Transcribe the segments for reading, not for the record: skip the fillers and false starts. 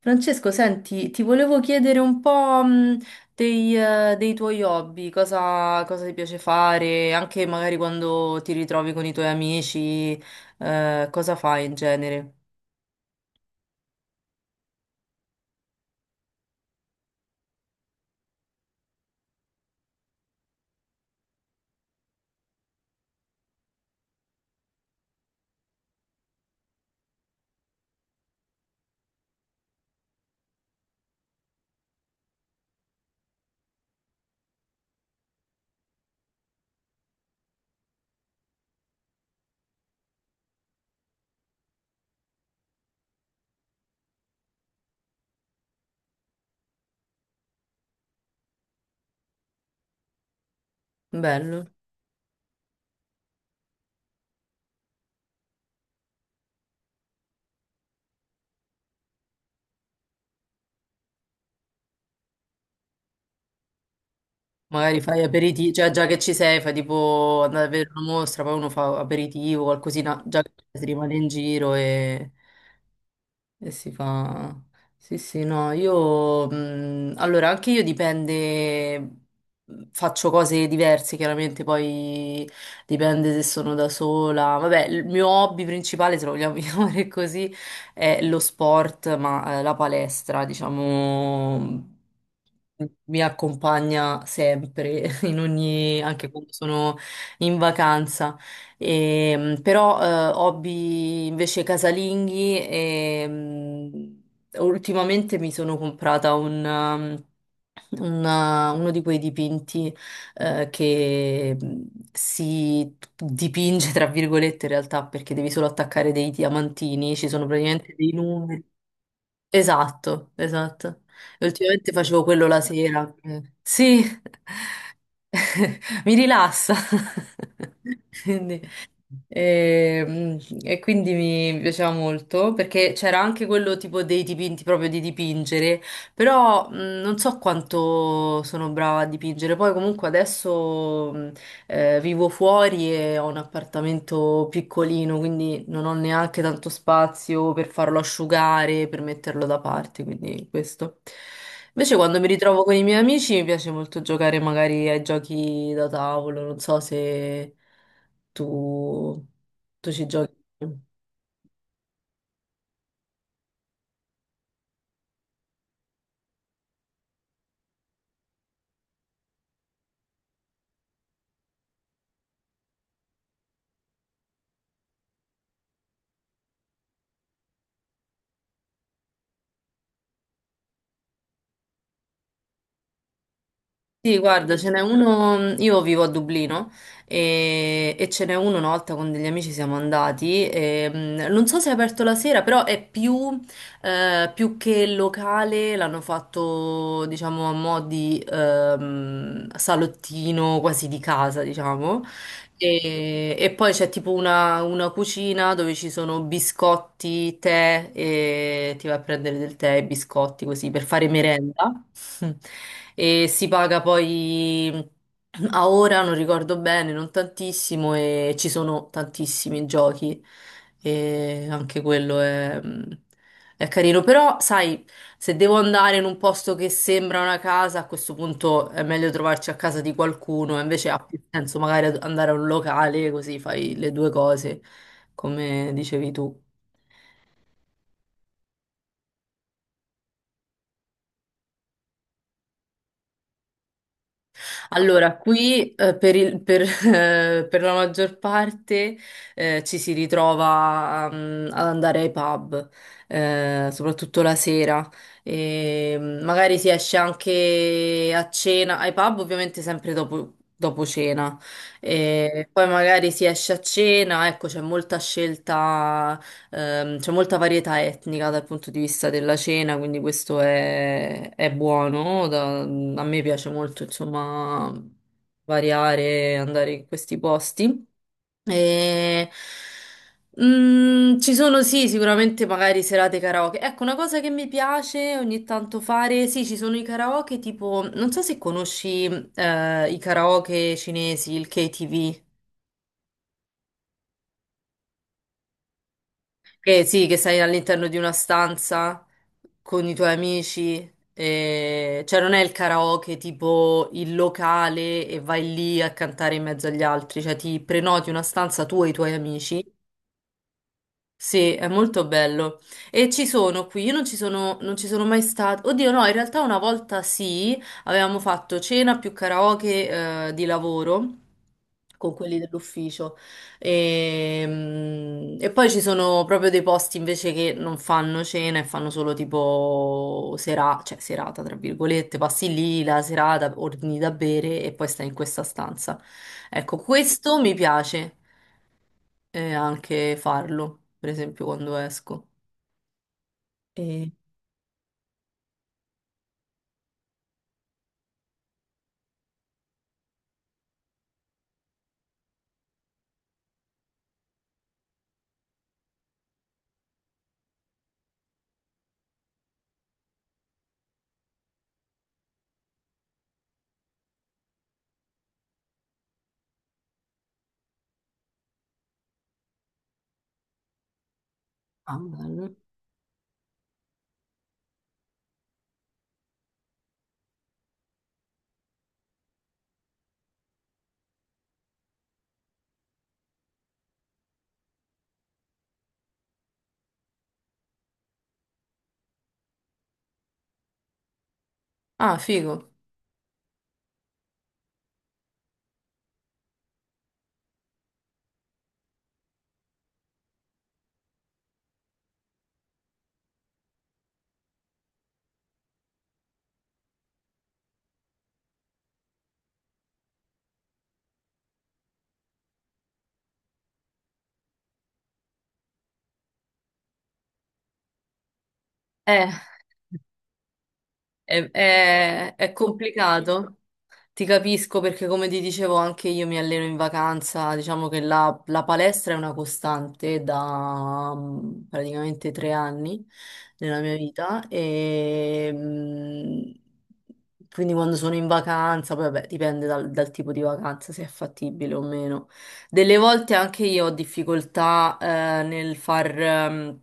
Francesco, senti, ti volevo chiedere un po', dei tuoi hobby, cosa ti piace fare, anche magari quando ti ritrovi con i tuoi amici, cosa fai in genere? Bello. Magari fai aperitivo, cioè già che ci sei, fai tipo andare a vedere una mostra, poi uno fa aperitivo, qualcosina, già che si rimane in giro e... E si fa... Sì, sì, no, io... allora, anche io dipende... faccio cose diverse, chiaramente, poi dipende se sono da sola. Vabbè, il mio hobby principale, se lo vogliamo chiamare così, è lo sport, ma la palestra, diciamo... mhmm. Mi accompagna sempre, in ogni, anche quando sono in vacanza. Però hobby invece casalinghi e ultimamente mi sono comprata un, un, uno di quei dipinti che si dipinge tra virgolette in realtà perché devi solo attaccare dei diamantini, ci sono praticamente dei numeri. Esatto, esatto. E ultimamente facevo quello la sera. Eh. Sì. Mi rilassa. Quindi, ehm, mi piaceva molto perché c'era anche quello tipo dei dipinti proprio di dipingere, però non so quanto sono brava a dipingere. Poi comunque adesso vivo fuori e ho un appartamento piccolino, quindi non ho neanche tanto spazio per farlo asciugare, per metterlo da parte, quindi questo. Invece quando mi ritrovo con i miei amici mi piace molto giocare magari ai giochi da tavolo, non so se tu, tu ci giochi. Sì, guarda, ce n'è uno, io vivo a Dublino e ce n'è uno una volta con degli amici siamo andati, e, non so se è aperto la sera, però è più, più che locale, l'hanno fatto diciamo a mo' di salottino quasi di casa, diciamo, e poi c'è tipo una cucina dove ci sono biscotti, tè e ti vai a prendere del tè e biscotti così per fare merenda. E si paga poi a ora, non ricordo bene, non tantissimo e ci sono tantissimi giochi e anche quello è... È carino, però sai, se devo andare in un posto che sembra una casa, a questo punto è meglio trovarci a casa di qualcuno, invece ha più senso magari andare a un locale, così fai le due cose, come dicevi tu. Allora, qui per la maggior parte ci si ritrova ad andare ai pub, soprattutto la sera. E, magari si esce anche a cena, ai pub ovviamente sempre dopo, dopo cena. E poi magari si esce a cena, ecco, c'è molta scelta. C'è molta varietà etnica dal punto di vista della cena, quindi questo è buono. A me piace molto, insomma, variare, andare in questi posti. E, ci sono sì, sicuramente magari serate karaoke. Ecco, una cosa che mi piace ogni tanto fare, sì, ci sono i karaoke tipo, non so se conosci i karaoke cinesi, il KTV. Che sì, che sei all'interno di una stanza con i tuoi amici, cioè non è il karaoke tipo il locale e vai lì a cantare in mezzo agli altri, cioè ti prenoti una stanza tu e i tuoi amici. Sì, è molto bello. E ci sono qui, io non ci sono, non ci sono mai stata. Oddio, no, in realtà una volta sì, avevamo fatto cena più karaoke, di lavoro con quelli dell'ufficio. E poi ci sono proprio dei posti invece che non fanno cena e fanno solo tipo sera, cioè serata, tra virgolette, passi lì la serata, ordini da bere e poi stai in questa stanza. Ecco, questo mi piace e anche farlo, per esempio quando esco. E... Ah, bello. Ah, figo. Eh, è complicato. Ti capisco perché come ti dicevo anche io mi alleno in vacanza, diciamo che la palestra è una costante da praticamente 3 anni nella mia vita e quindi quando sono in vacanza, poi vabbè dipende dal, dal tipo di vacanza se è fattibile o meno. Delle volte anche io ho difficoltà nel far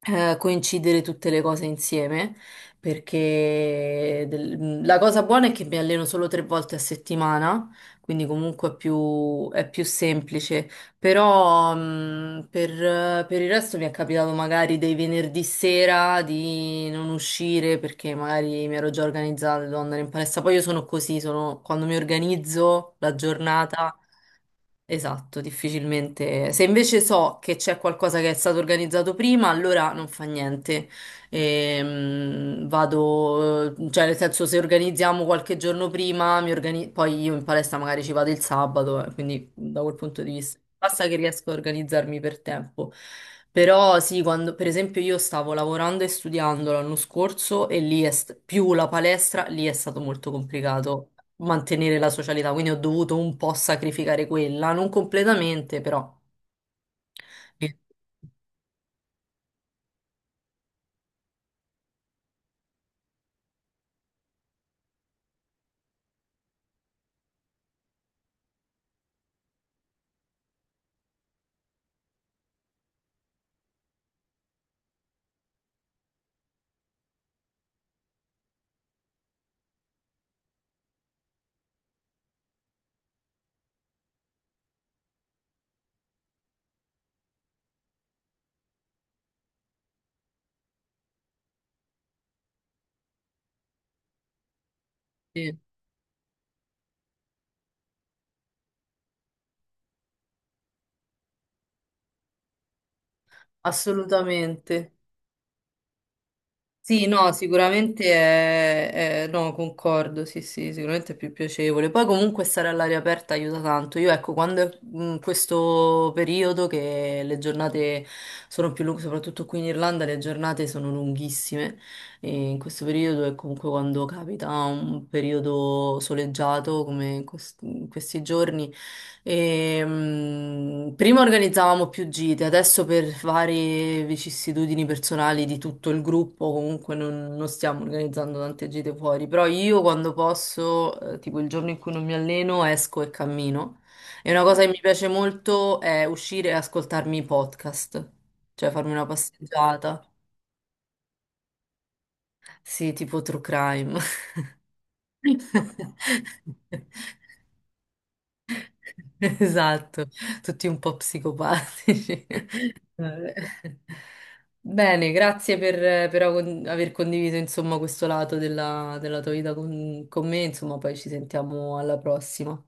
coincidere tutte le cose insieme perché la cosa buona è che mi alleno solo 3 volte a settimana, quindi comunque è più semplice, però per il resto mi è capitato magari dei venerdì sera di non uscire perché magari mi ero già organizzata, devo andare in palestra, poi io sono così, sono, quando mi organizzo la giornata... Esatto, difficilmente. Se invece so che c'è qualcosa che è stato organizzato prima, allora non fa niente. Vado, cioè nel senso se organizziamo qualche giorno prima, poi io in palestra magari ci vado il sabato, quindi da quel punto di vista basta che riesco a organizzarmi per tempo. Però sì, quando per esempio io stavo lavorando e studiando l'anno scorso e più la palestra, lì è stato molto complicato mantenere la socialità, quindi ho dovuto un po' sacrificare quella, non completamente, però. Sì, sì, assolutamente. Sì, no, sicuramente no, concordo, sì, sì, sicuramente è più piacevole. Poi comunque stare all'aria aperta aiuta tanto. Io ecco, quando è questo periodo che le giornate sono più lunghe, soprattutto qui in Irlanda le giornate sono lunghissime e in questo periodo è comunque quando capita un periodo soleggiato come in in questi giorni. Prima organizzavamo più gite, adesso per varie vicissitudini personali di tutto il gruppo, comunque non, non stiamo organizzando tante gite fuori, però io quando posso, tipo il giorno in cui non mi alleno, esco e cammino. E una cosa che mi piace molto è uscire e ascoltarmi i podcast, cioè farmi una passeggiata. Sì, tipo true crime. Esatto, tutti un po' psicopatici. Vabbè. Bene, grazie per, aver condiviso insomma questo lato della, della tua vita con me, insomma poi ci sentiamo alla prossima.